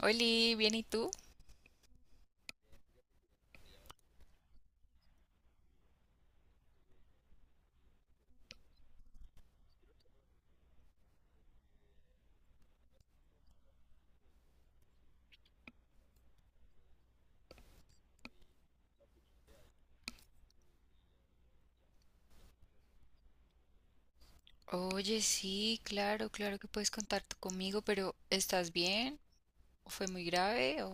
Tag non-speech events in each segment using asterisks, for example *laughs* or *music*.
Oli, ¿bien y tú? Oye, sí, claro, claro que puedes contar tú conmigo, pero ¿estás bien? ¿O fue muy grave? ¿O...?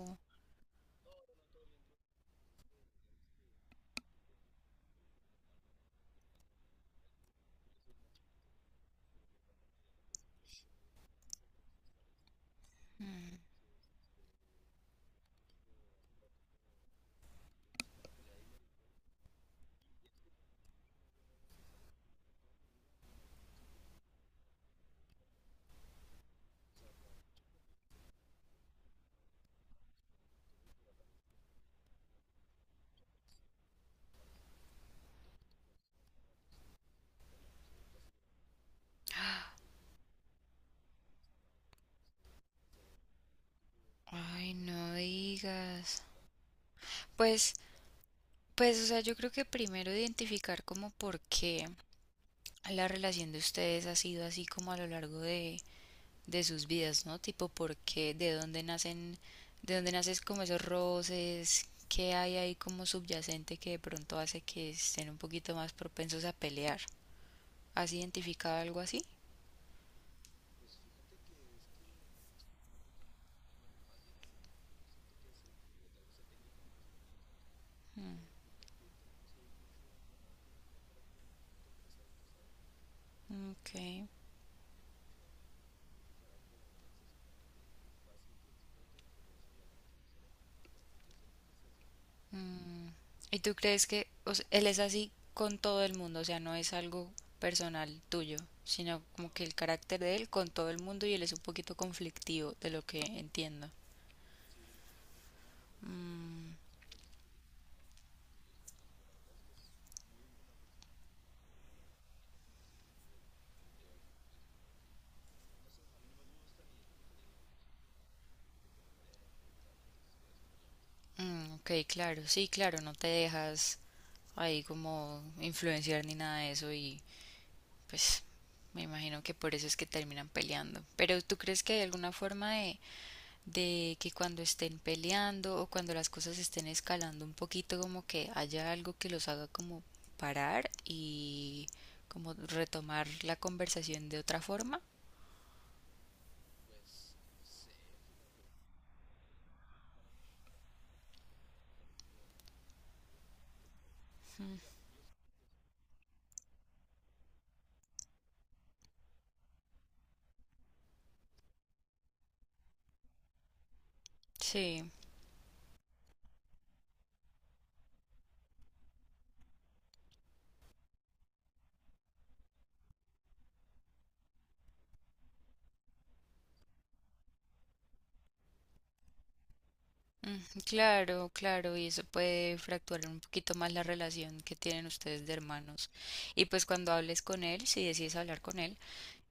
Mm. Ay, no digas. Pues, pues, o sea, yo creo que primero identificar como por qué la relación de ustedes ha sido así como a lo largo de sus vidas, ¿no? Tipo, por qué, de dónde nacen como esos roces, qué hay ahí como subyacente que de pronto hace que estén un poquito más propensos a pelear. ¿Has identificado algo así? Mm, ok. Mm. ¿Y tú crees que o sea, él es así con todo el mundo? O sea, no es algo personal tuyo, sino como que el carácter de él con todo el mundo y él es un poquito conflictivo, de lo que entiendo. Mm, mm, ok, claro, sí, claro, no te dejas ahí como influenciar ni nada de eso y pues me imagino que por eso es que terminan peleando. Pero ¿tú crees que hay alguna forma de que cuando estén peleando o cuando las cosas estén escalando un poquito, como que haya algo que los haga como parar y como retomar la conversación de otra forma? Sí, mm, claro, claro, y eso puede fracturar un poquito más la relación que tienen ustedes de hermanos. Y pues cuando hables con él, si decides hablar con él,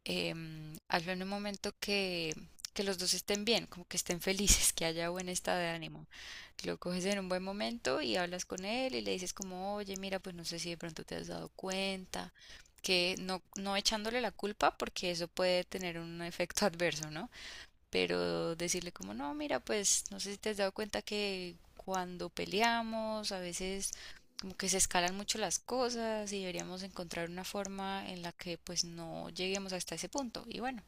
hazlo en un momento que los dos estén bien, como que estén felices, que haya buen estado de ánimo. Lo coges en un buen momento y hablas con él y le dices como, oye, mira, pues no sé si de pronto te has dado cuenta, que no, no echándole la culpa porque eso puede tener un efecto *laughs* adverso, ¿no? Pero decirle como, no, mira, pues no sé si te has dado cuenta que cuando peleamos a veces como que se escalan mucho las cosas y deberíamos encontrar una forma en la que pues no lleguemos hasta ese punto. Y bueno,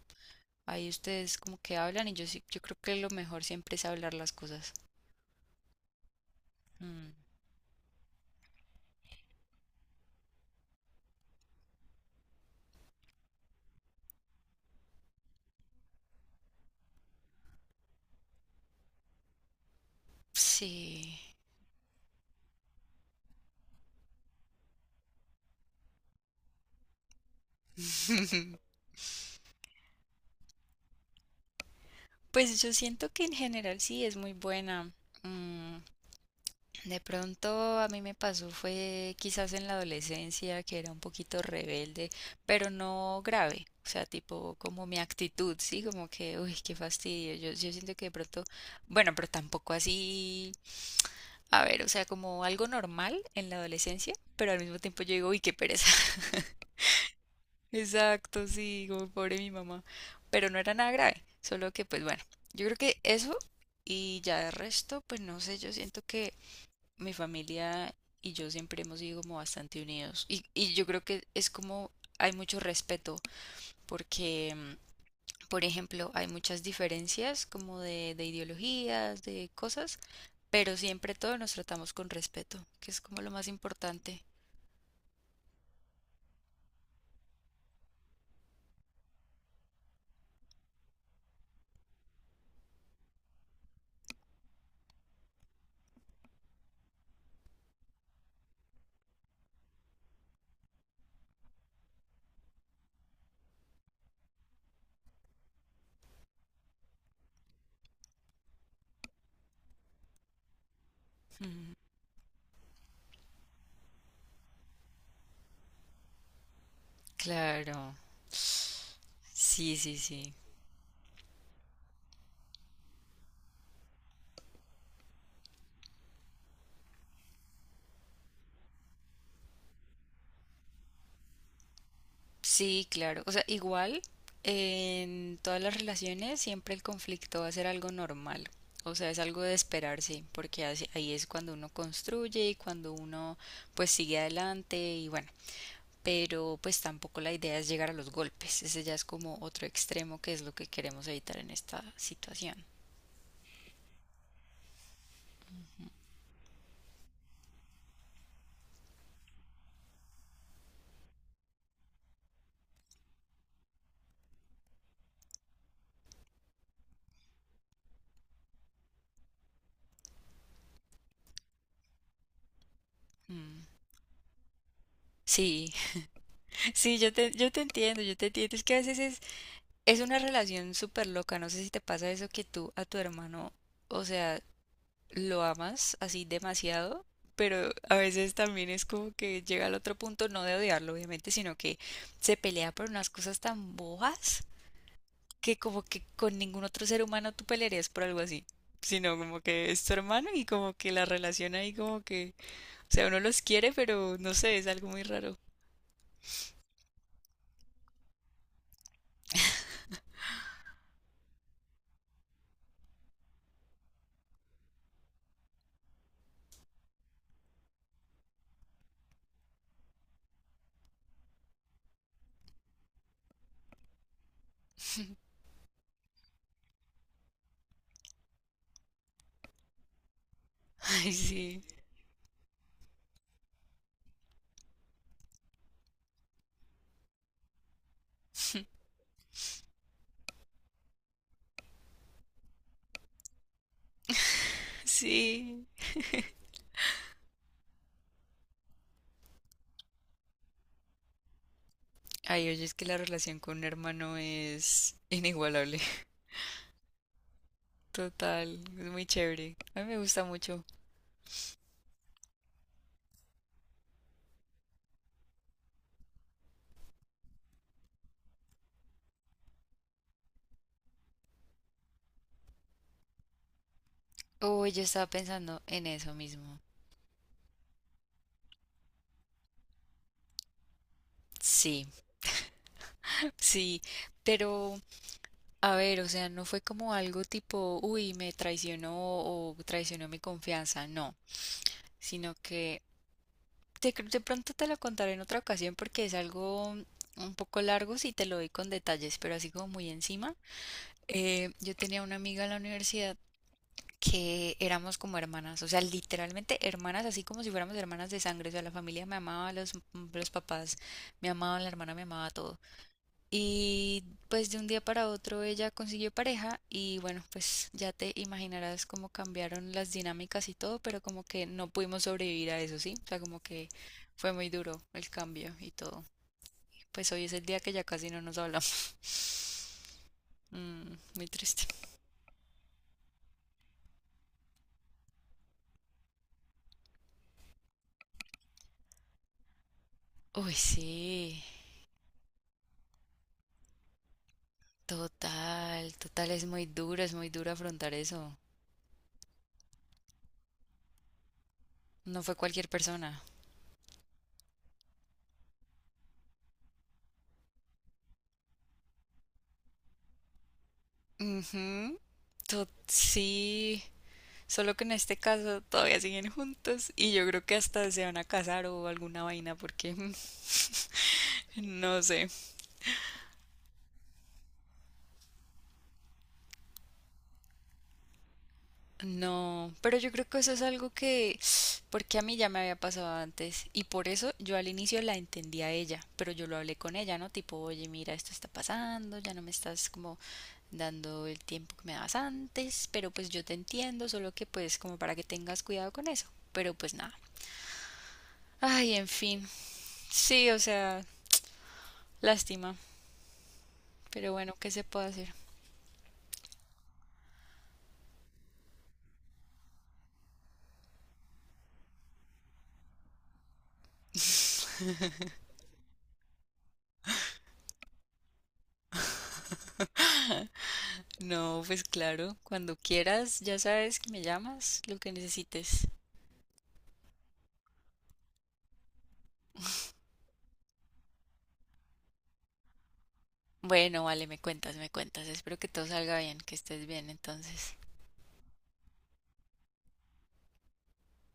ahí ustedes como que hablan y yo sí, yo creo que lo mejor siempre es hablar las cosas. Mm, sí. *laughs* Pues yo siento que en general sí es muy buena. Mm. De pronto a mí me pasó fue quizás en la adolescencia que era un poquito rebelde, pero no grave, o sea, tipo como mi actitud, sí, como que, uy, qué fastidio, yo siento que de pronto, bueno, pero tampoco así, a ver, o sea, como algo normal en la adolescencia, pero al mismo tiempo yo digo, uy, qué pereza. *laughs* Exacto, sí, como pobre mi mamá, pero no era nada grave, solo que pues bueno, yo creo que eso y ya de resto, pues no sé, yo siento que mi familia y yo siempre hemos sido como bastante unidos. Y yo creo que es como hay mucho respeto porque, mm, por ejemplo, hay muchas diferencias como de ideologías, de cosas, pero siempre todos nos tratamos con respeto, que es como lo más importante. Ujú. Claro. Sí, sí, sí. Sí, claro. O sea, igual en todas las relaciones siempre el conflicto va a ser algo normal. O sea, es algo de esperarse, porque ahí es cuando uno construye y cuando uno pues sigue adelante y bueno, pero pues tampoco la idea es llegar a los golpes. Ese ya es como otro extremo que es lo que queremos evitar en esta situación. Mm. Sí, *laughs* sí, yo te entiendo, yo te entiendo. Es que a veces es una relación súper loca. No sé si te pasa eso que tú a tu hermano, o sea, lo amas así demasiado, pero a veces también es como que llega al otro punto, no de odiarlo, obviamente, sino que se pelea por unas cosas tan bojas que como que con ningún otro ser humano tú pelearías por algo así. Sino como que es tu hermano y como que la relación ahí como que, o sea, uno los quiere, pero no sé, es algo muy raro. *laughs* Ay, sí, sí. Ay, oye, es que la relación con un hermano es inigualable. *laughs* Total, es muy chévere. A mí me gusta mucho. Oh, yo estaba pensando en eso mismo. Sí, sí, pero a ver, o sea, no fue como algo tipo, uy, me traicionó o traicionó mi confianza, no, sino que de pronto te lo contaré en otra ocasión porque es algo un poco largo si te lo doy con detalles, pero así como muy encima. Yo tenía una amiga en la universidad que éramos como hermanas, o sea, literalmente hermanas, así como si fuéramos hermanas de sangre, o sea, la familia me amaba, los papás me amaban, la hermana me amaba, todos. Y pues de un día para otro ella consiguió pareja y bueno, pues ya te imaginarás cómo cambiaron las dinámicas y todo, pero como que no pudimos sobrevivir a eso, ¿sí? O sea, como que fue muy duro el cambio y todo. Pues hoy es el día que ya casi no nos hablamos. *laughs* Mm, muy triste. Uy, sí, total, total, es muy duro afrontar eso. No fue cualquier persona. Ujú, tot- sí. Solo que en este caso todavía siguen juntos y yo creo que hasta se van a casar o alguna vaina porque *laughs* no sé. No, pero yo creo que eso es algo que porque a mí ya me había pasado antes y por eso yo al inicio la entendí a ella, pero yo lo hablé con ella, ¿no? Tipo, oye, mira, esto está pasando, ya no me estás como dando el tiempo que me dabas antes, pero pues yo te entiendo, solo que pues como para que tengas cuidado con eso. Pero pues nada. Ay, en fin. Sí, o sea, lástima. Pero bueno, ¿qué se puede hacer? No, pues claro, cuando quieras, ya sabes que me llamas, lo que necesites. Bueno, vale, me cuentas, me cuentas. Espero que todo salga bien, que estés bien entonces.